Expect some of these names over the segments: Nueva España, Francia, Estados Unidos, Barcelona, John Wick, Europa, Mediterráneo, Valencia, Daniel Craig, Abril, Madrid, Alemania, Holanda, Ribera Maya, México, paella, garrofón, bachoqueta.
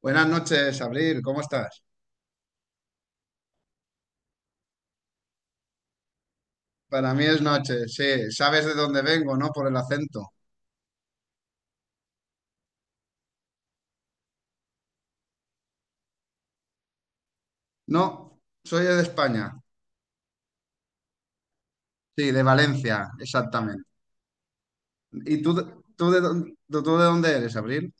Buenas noches, Abril, ¿cómo estás? Para mí es noche, sí. Sabes de dónde vengo, ¿no? Por el acento. No, soy de España. Sí, de Valencia, exactamente. ¿Y tú de dónde eres, Abril?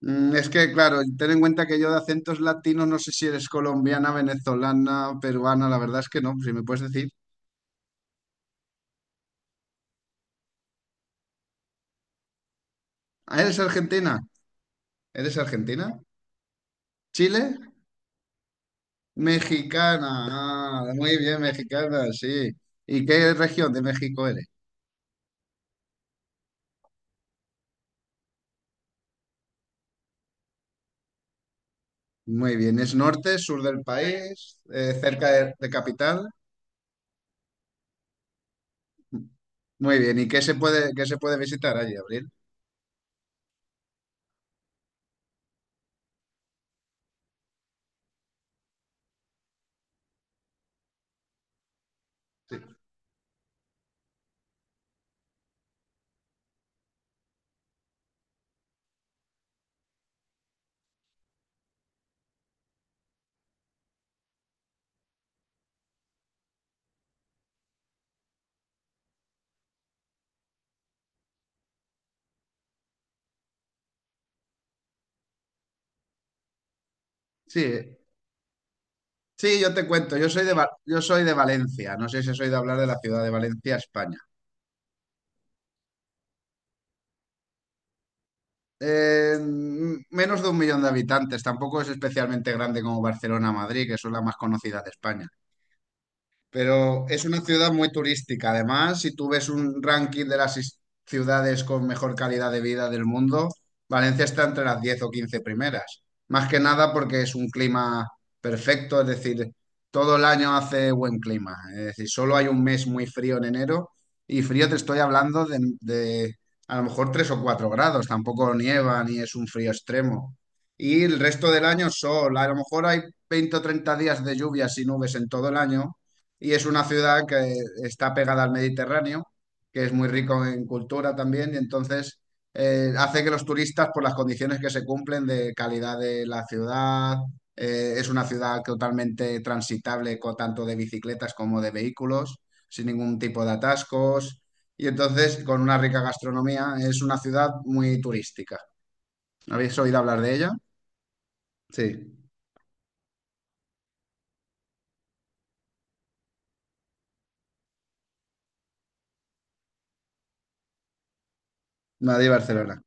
Es que, claro, ten en cuenta que yo de acentos latinos no sé si eres colombiana, venezolana, peruana, la verdad es que no, si me puedes decir. Ah, ¿eres argentina? ¿Eres argentina? ¿Chile? Mexicana. Ah, muy bien, mexicana, sí. ¿Y qué región de México eres? Muy bien, ¿es norte, sur del país, cerca de capital? Muy bien, ¿y qué se puede visitar allí, Abril? Sí, sí, yo te cuento, yo soy de Valencia, no sé si soy de hablar de la ciudad de Valencia, España. Menos de un millón de habitantes, tampoco es especialmente grande como Barcelona o Madrid, que son las más conocidas de España. Pero es una ciudad muy turística. Además, si tú ves un ranking de las ciudades con mejor calidad de vida del mundo, Valencia está entre las 10 o 15 primeras. Más que nada porque es un clima perfecto, es decir, todo el año hace buen clima. Es decir, solo hay un mes muy frío en enero y frío te estoy hablando de a lo mejor 3 o 4 grados. Tampoco nieva ni es un frío extremo. Y el resto del año sol. A lo mejor hay 20 o 30 días de lluvias y nubes en todo el año y es una ciudad que está pegada al Mediterráneo, que es muy rico en cultura también, y entonces hace que los turistas, por las condiciones que se cumplen de calidad de la ciudad, es una ciudad totalmente transitable, tanto de bicicletas como de vehículos, sin ningún tipo de atascos, y entonces con una rica gastronomía, es una ciudad muy turística. ¿Habéis oído hablar de ella? Sí, Madrid-Barcelona.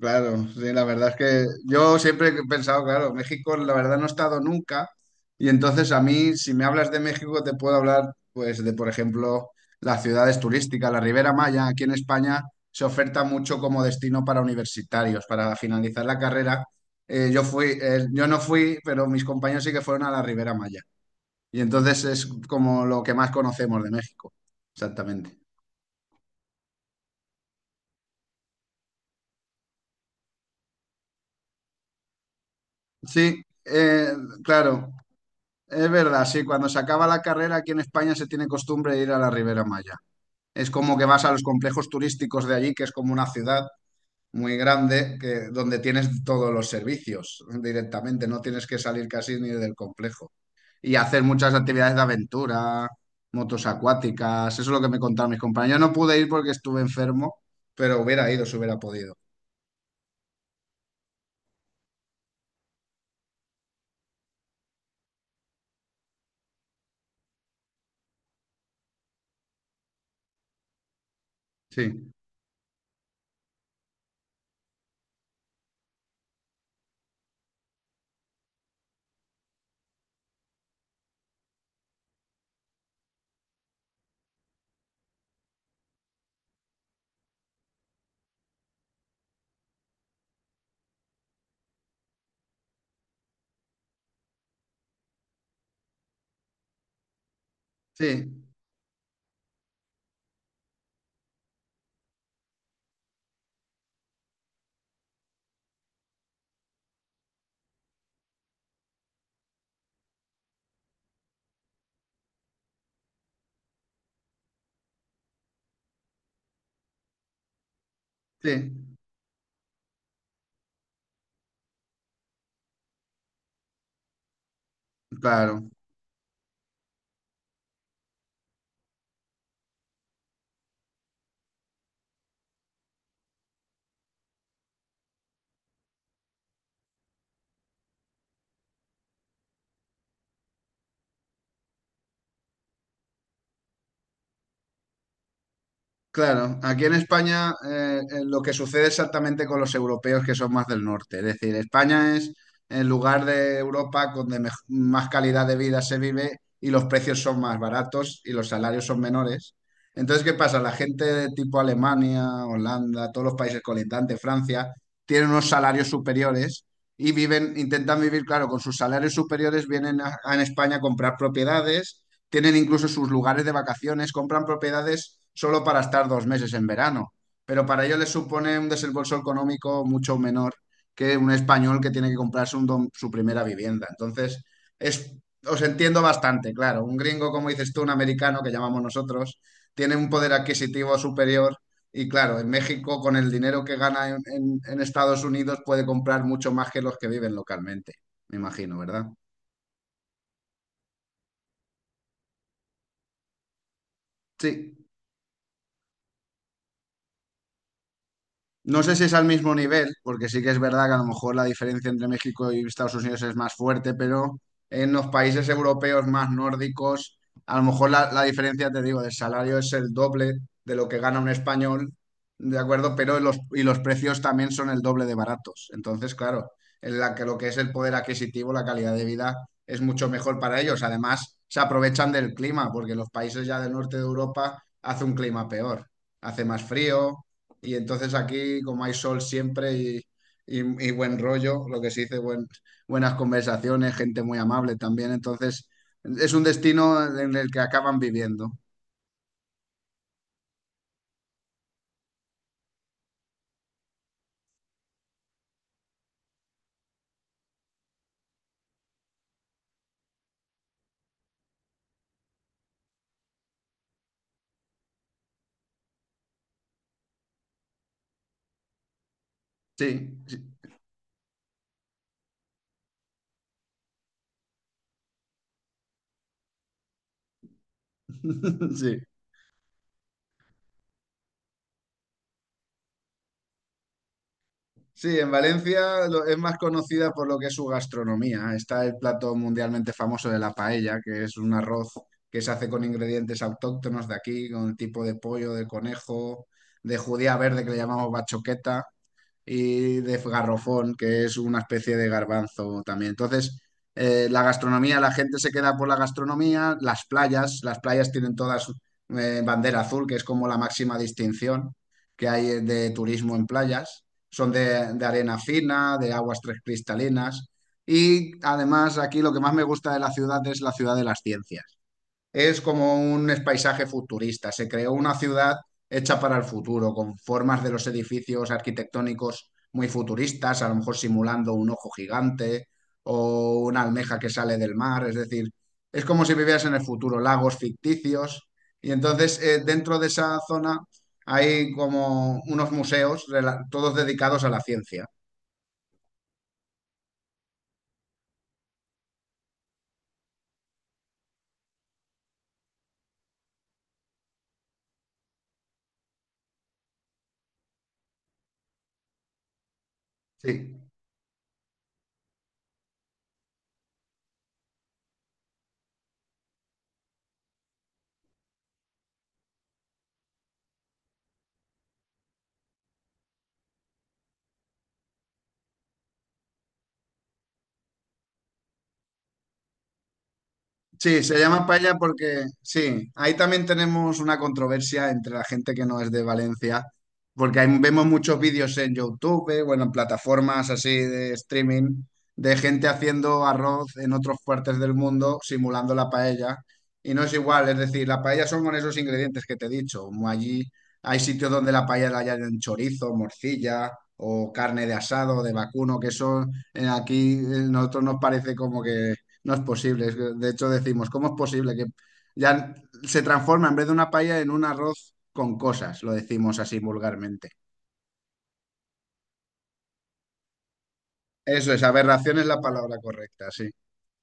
Claro, sí, la verdad es que yo siempre he pensado, claro, México la verdad no he estado nunca y entonces a mí si me hablas de México te puedo hablar pues de por ejemplo las ciudades turísticas, la Ribera Maya aquí en España se oferta mucho como destino para universitarios, para finalizar la carrera. Yo fui, yo no fui, pero mis compañeros sí que fueron a la Ribera Maya y entonces es como lo que más conocemos de México, exactamente. Sí, claro. Es verdad, sí, cuando se acaba la carrera aquí en España se tiene costumbre de ir a la Ribera Maya. Es como que vas a los complejos turísticos de allí, que es como una ciudad muy grande, que, donde tienes todos los servicios directamente, no tienes que salir casi ni del complejo. Y hacer muchas actividades de aventura, motos acuáticas, eso es lo que me contaron mis compañeros. Yo no pude ir porque estuve enfermo, pero hubiera ido si hubiera podido. Sí, sí, sí, claro. Claro, aquí en España lo que sucede exactamente con los europeos que son más del norte. Es decir, España es el lugar de Europa donde más calidad de vida se vive y los precios son más baratos y los salarios son menores. Entonces, ¿qué pasa? La gente de tipo Alemania, Holanda, todos los países colindantes, Francia, tienen unos salarios superiores y viven, intentan vivir, claro, con sus salarios superiores vienen a en España a comprar propiedades, tienen incluso sus lugares de vacaciones, compran propiedades solo para estar 2 meses en verano, pero para ellos les supone un desembolso económico mucho menor que un español que tiene que comprarse su primera vivienda. Entonces, es, os entiendo bastante, claro. Un gringo, como dices tú, un americano, que llamamos nosotros, tiene un poder adquisitivo superior y claro, en México con el dinero que gana en Estados Unidos puede comprar mucho más que los que viven localmente, me imagino, ¿verdad? Sí. No sé si es al mismo nivel, porque sí que es verdad que a lo mejor la diferencia entre México y Estados Unidos es más fuerte, pero en los países europeos más nórdicos, a lo mejor la diferencia, te digo, del salario es el doble de lo que gana un español, ¿de acuerdo? Pero los, y los precios también son el doble de baratos. Entonces, claro, en la que lo que es el poder adquisitivo, la calidad de vida es mucho mejor para ellos. Además, se aprovechan del clima, porque en los países ya del norte de Europa hace un clima peor, hace más frío y entonces aquí, como hay sol siempre y, y buen rollo, lo que se dice, buenas conversaciones, gente muy amable también, entonces es un destino en el que acaban viviendo. Sí, sí, sí. Sí, en Valencia es más conocida por lo que es su gastronomía. Está el plato mundialmente famoso de la paella, que es un arroz que se hace con ingredientes autóctonos de aquí, con el tipo de pollo, de conejo, de judía verde que le llamamos bachoqueta, y de garrofón, que es una especie de garbanzo también. Entonces, la gastronomía, la gente se queda por la gastronomía, las playas tienen todas bandera azul, que es como la máxima distinción que hay de turismo en playas. Son de arena fina, de aguas tres cristalinas. Y además aquí lo que más me gusta de la ciudad es la ciudad de las ciencias, es como un paisaje futurista. Se creó una ciudad hecha para el futuro, con formas de los edificios arquitectónicos muy futuristas, a lo mejor simulando un ojo gigante o una almeja que sale del mar. Es decir, es como si vivieras en el futuro, lagos ficticios. Y entonces, dentro de esa zona hay como unos museos, todos dedicados a la ciencia. Sí. Sí, se llama paella porque sí, ahí también tenemos una controversia entre la gente que no es de Valencia, porque ahí vemos muchos vídeos en YouTube, bueno, en plataformas así de streaming, de gente haciendo arroz en otras partes del mundo simulando la paella, y no es igual, es decir, la paella son con esos ingredientes que te he dicho, como allí hay sitios donde la paella la hallan en chorizo, morcilla o carne de asado, de vacuno, que eso aquí nosotros nos parece como que no es posible. Es que, de hecho, decimos, ¿cómo es posible que ya se transforma en vez de una paella en un arroz con cosas? Lo decimos así vulgarmente. Eso es, aberración es la palabra correcta, sí.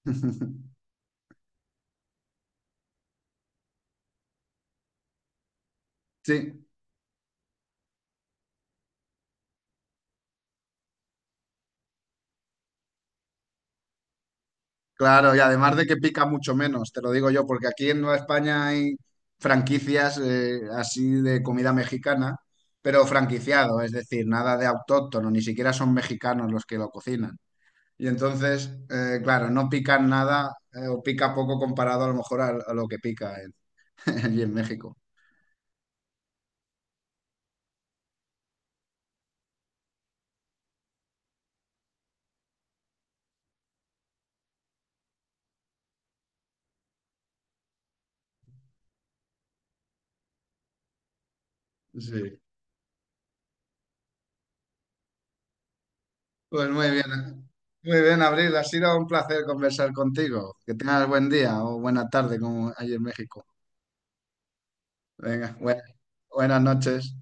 Sí, claro, y además de que pica mucho menos, te lo digo yo, porque aquí en Nueva España hay franquicias así de comida mexicana, pero franquiciado, es decir, nada de autóctono, ni siquiera son mexicanos los que lo cocinan. Y entonces, claro, no pican nada o pica poco comparado a lo mejor a lo que pica en- allí en México. Sí. Pues muy bien. Muy bien, Abril. Ha sido un placer conversar contigo. Que tengas buen día o buena tarde como allí en México. Venga, buenas noches.